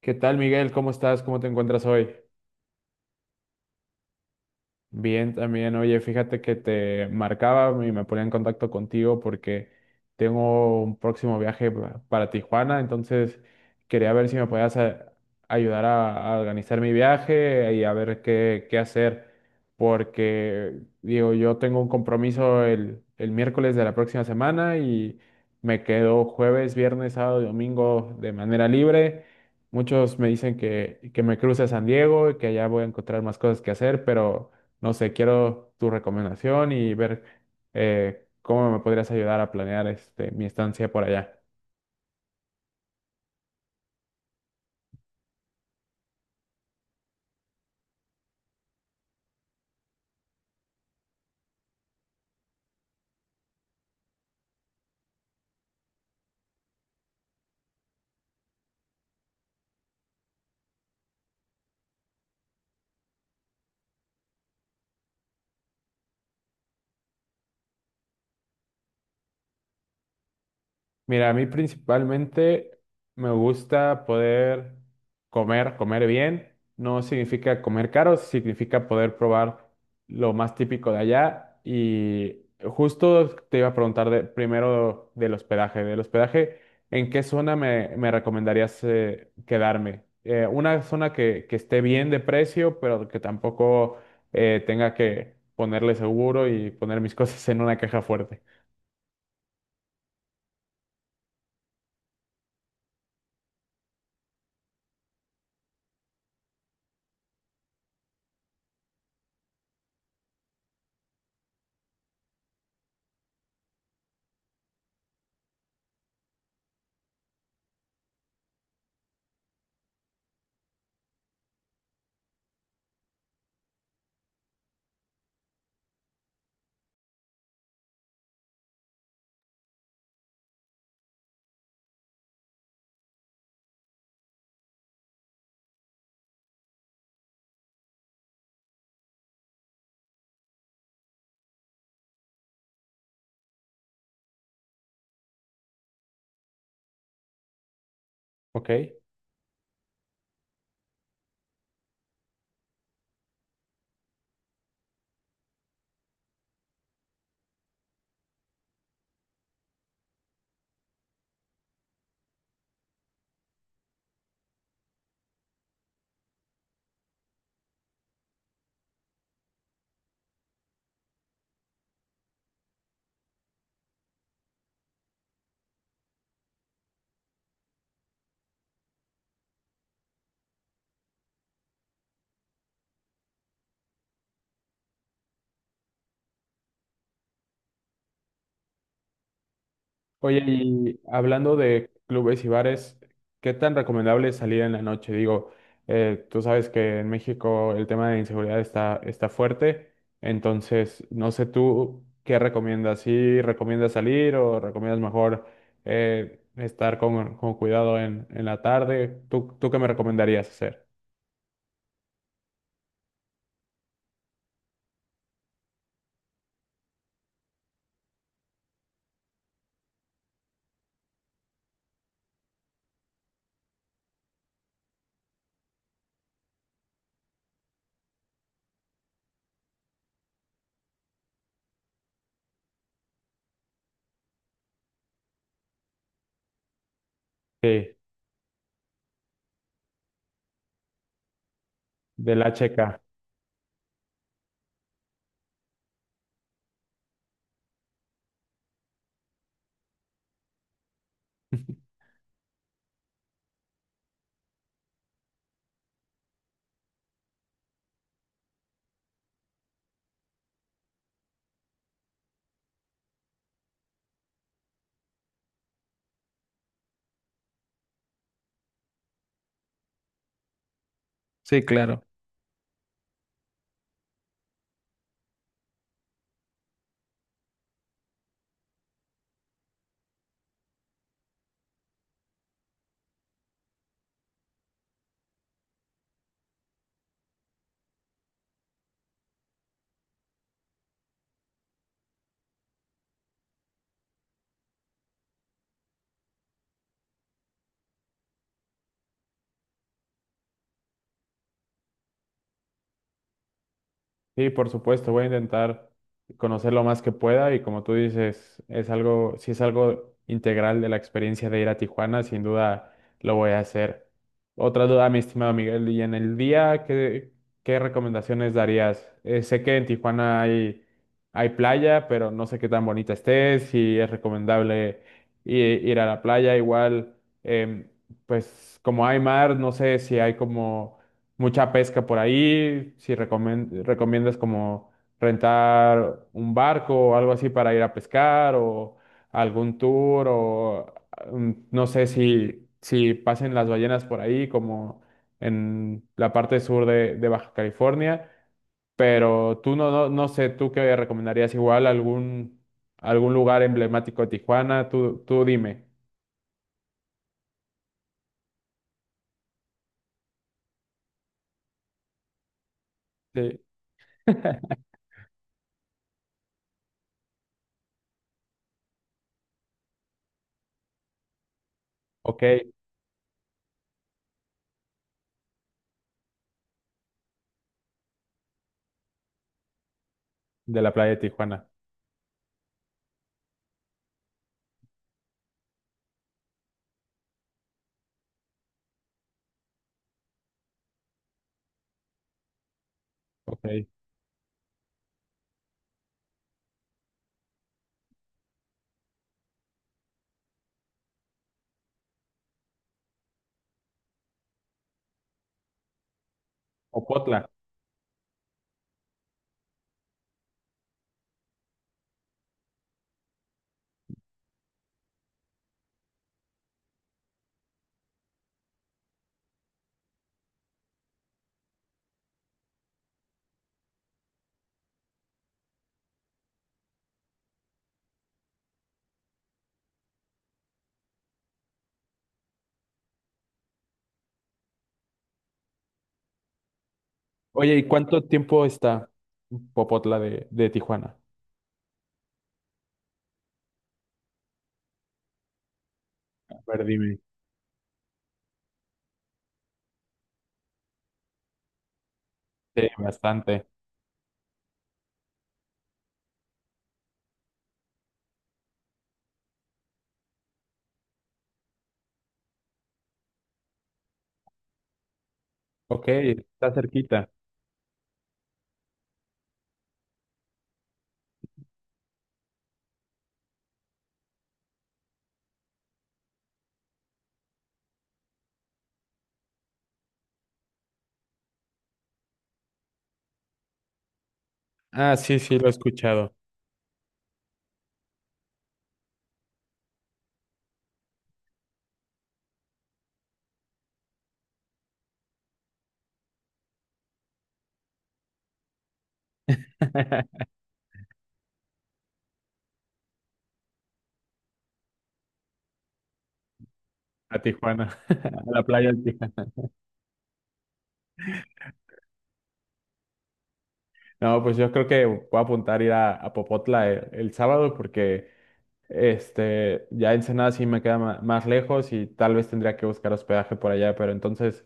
¿Qué tal, Miguel? ¿Cómo estás? ¿Cómo te encuentras hoy? Bien, también, oye, fíjate que te marcaba y me ponía en contacto contigo porque tengo un próximo viaje para Tijuana, entonces quería ver si me podías ayudar a organizar mi viaje y a ver qué hacer, porque digo, yo tengo un compromiso el miércoles de la próxima semana y me quedo jueves, viernes, sábado y domingo de manera libre. Muchos me dicen que me cruce a San Diego y que allá voy a encontrar más cosas que hacer, pero no sé, quiero tu recomendación y ver cómo me podrías ayudar a planear este, mi estancia por allá. Mira, a mí principalmente me gusta poder comer, comer bien. No significa comer caro, significa poder probar lo más típico de allá. Y justo te iba a preguntar primero del hospedaje. Del hospedaje, ¿en qué zona me recomendarías quedarme? Una zona que esté bien de precio, pero que tampoco tenga que ponerle seguro y poner mis cosas en una caja fuerte. ¿Ok? Oye, y hablando de clubes y bares, ¿qué tan recomendable es salir en la noche? Digo, tú sabes que en México el tema de inseguridad está fuerte, entonces no sé tú qué recomiendas, si recomiendas salir o recomiendas mejor estar con cuidado en la tarde, ¿ tú qué me recomendarías hacer? Sí, de la checa. Sí, claro. Sí, por supuesto, voy a intentar conocer lo más que pueda y como tú dices, es algo, si es algo integral de la experiencia de ir a Tijuana, sin duda lo voy a hacer. Otra duda, mi estimado Miguel, y en el día, ¿ qué recomendaciones darías? Sé que en Tijuana hay playa, pero no sé qué tan bonita esté, si es recomendable i- ir a la playa, igual, em, pues como hay mar, no sé si hay como mucha pesca por ahí, si recomiendas como rentar un barco o algo así para ir a pescar o algún tour o no sé si pasen las ballenas por ahí como en la parte sur de Baja California, pero tú no sé, tú qué recomendarías igual algún lugar emblemático de Tijuana, tú dime. Sí. Ok, de la playa de Tijuana. Ok. Opotla. Oye, ¿y cuánto tiempo está Popotla de Tijuana? A ver, dime. Sí, bastante. Ok, está cerquita. Ah, sí, sí, lo he escuchado. A Tijuana, a la playa de Tijuana. No, pues yo creo que voy a apuntar a ir a Popotla el sábado porque este, ya Ensenada sí me queda más lejos y tal vez tendría que buscar hospedaje por allá, pero entonces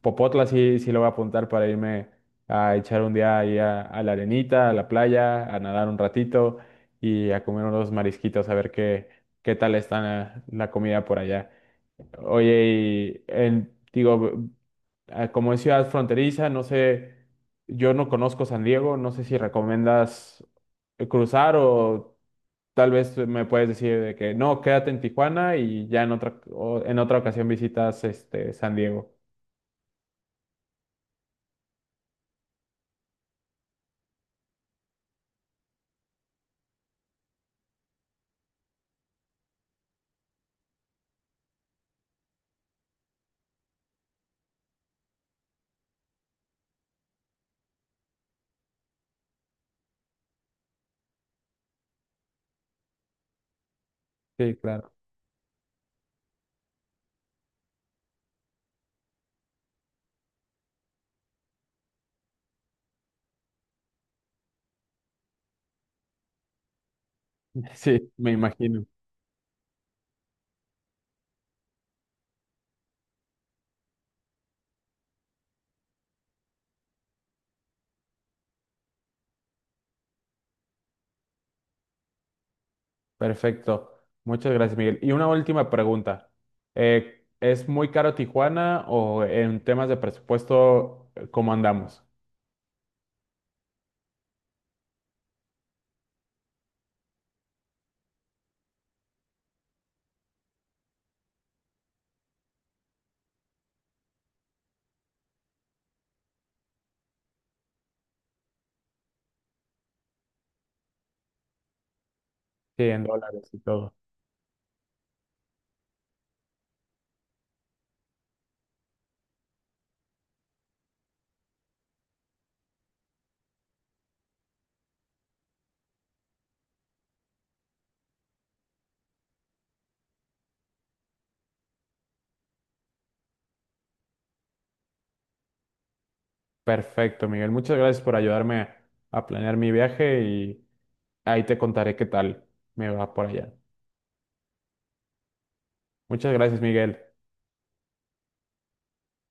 Popotla sí, sí lo voy a apuntar para irme a echar un día ahí a la arenita, a la playa, a nadar un ratito y a comer unos marisquitos, a ver qué, qué tal está la comida por allá. Oye, digo, ah, como es ciudad fronteriza, no sé, yo no conozco San Diego, no sé si recomiendas cruzar o tal vez me puedes decir de que no, quédate en Tijuana y ya en otra, en otra ocasión visitas este San Diego. Sí, claro. Sí, me imagino. Perfecto. Muchas gracias, Miguel. Y una última pregunta. ¿Es muy caro Tijuana o en temas de presupuesto, cómo andamos? Sí, en dólares y todo. Perfecto, Miguel. Muchas gracias por ayudarme a planear mi viaje y ahí te contaré qué tal me va por allá. Muchas gracias, Miguel.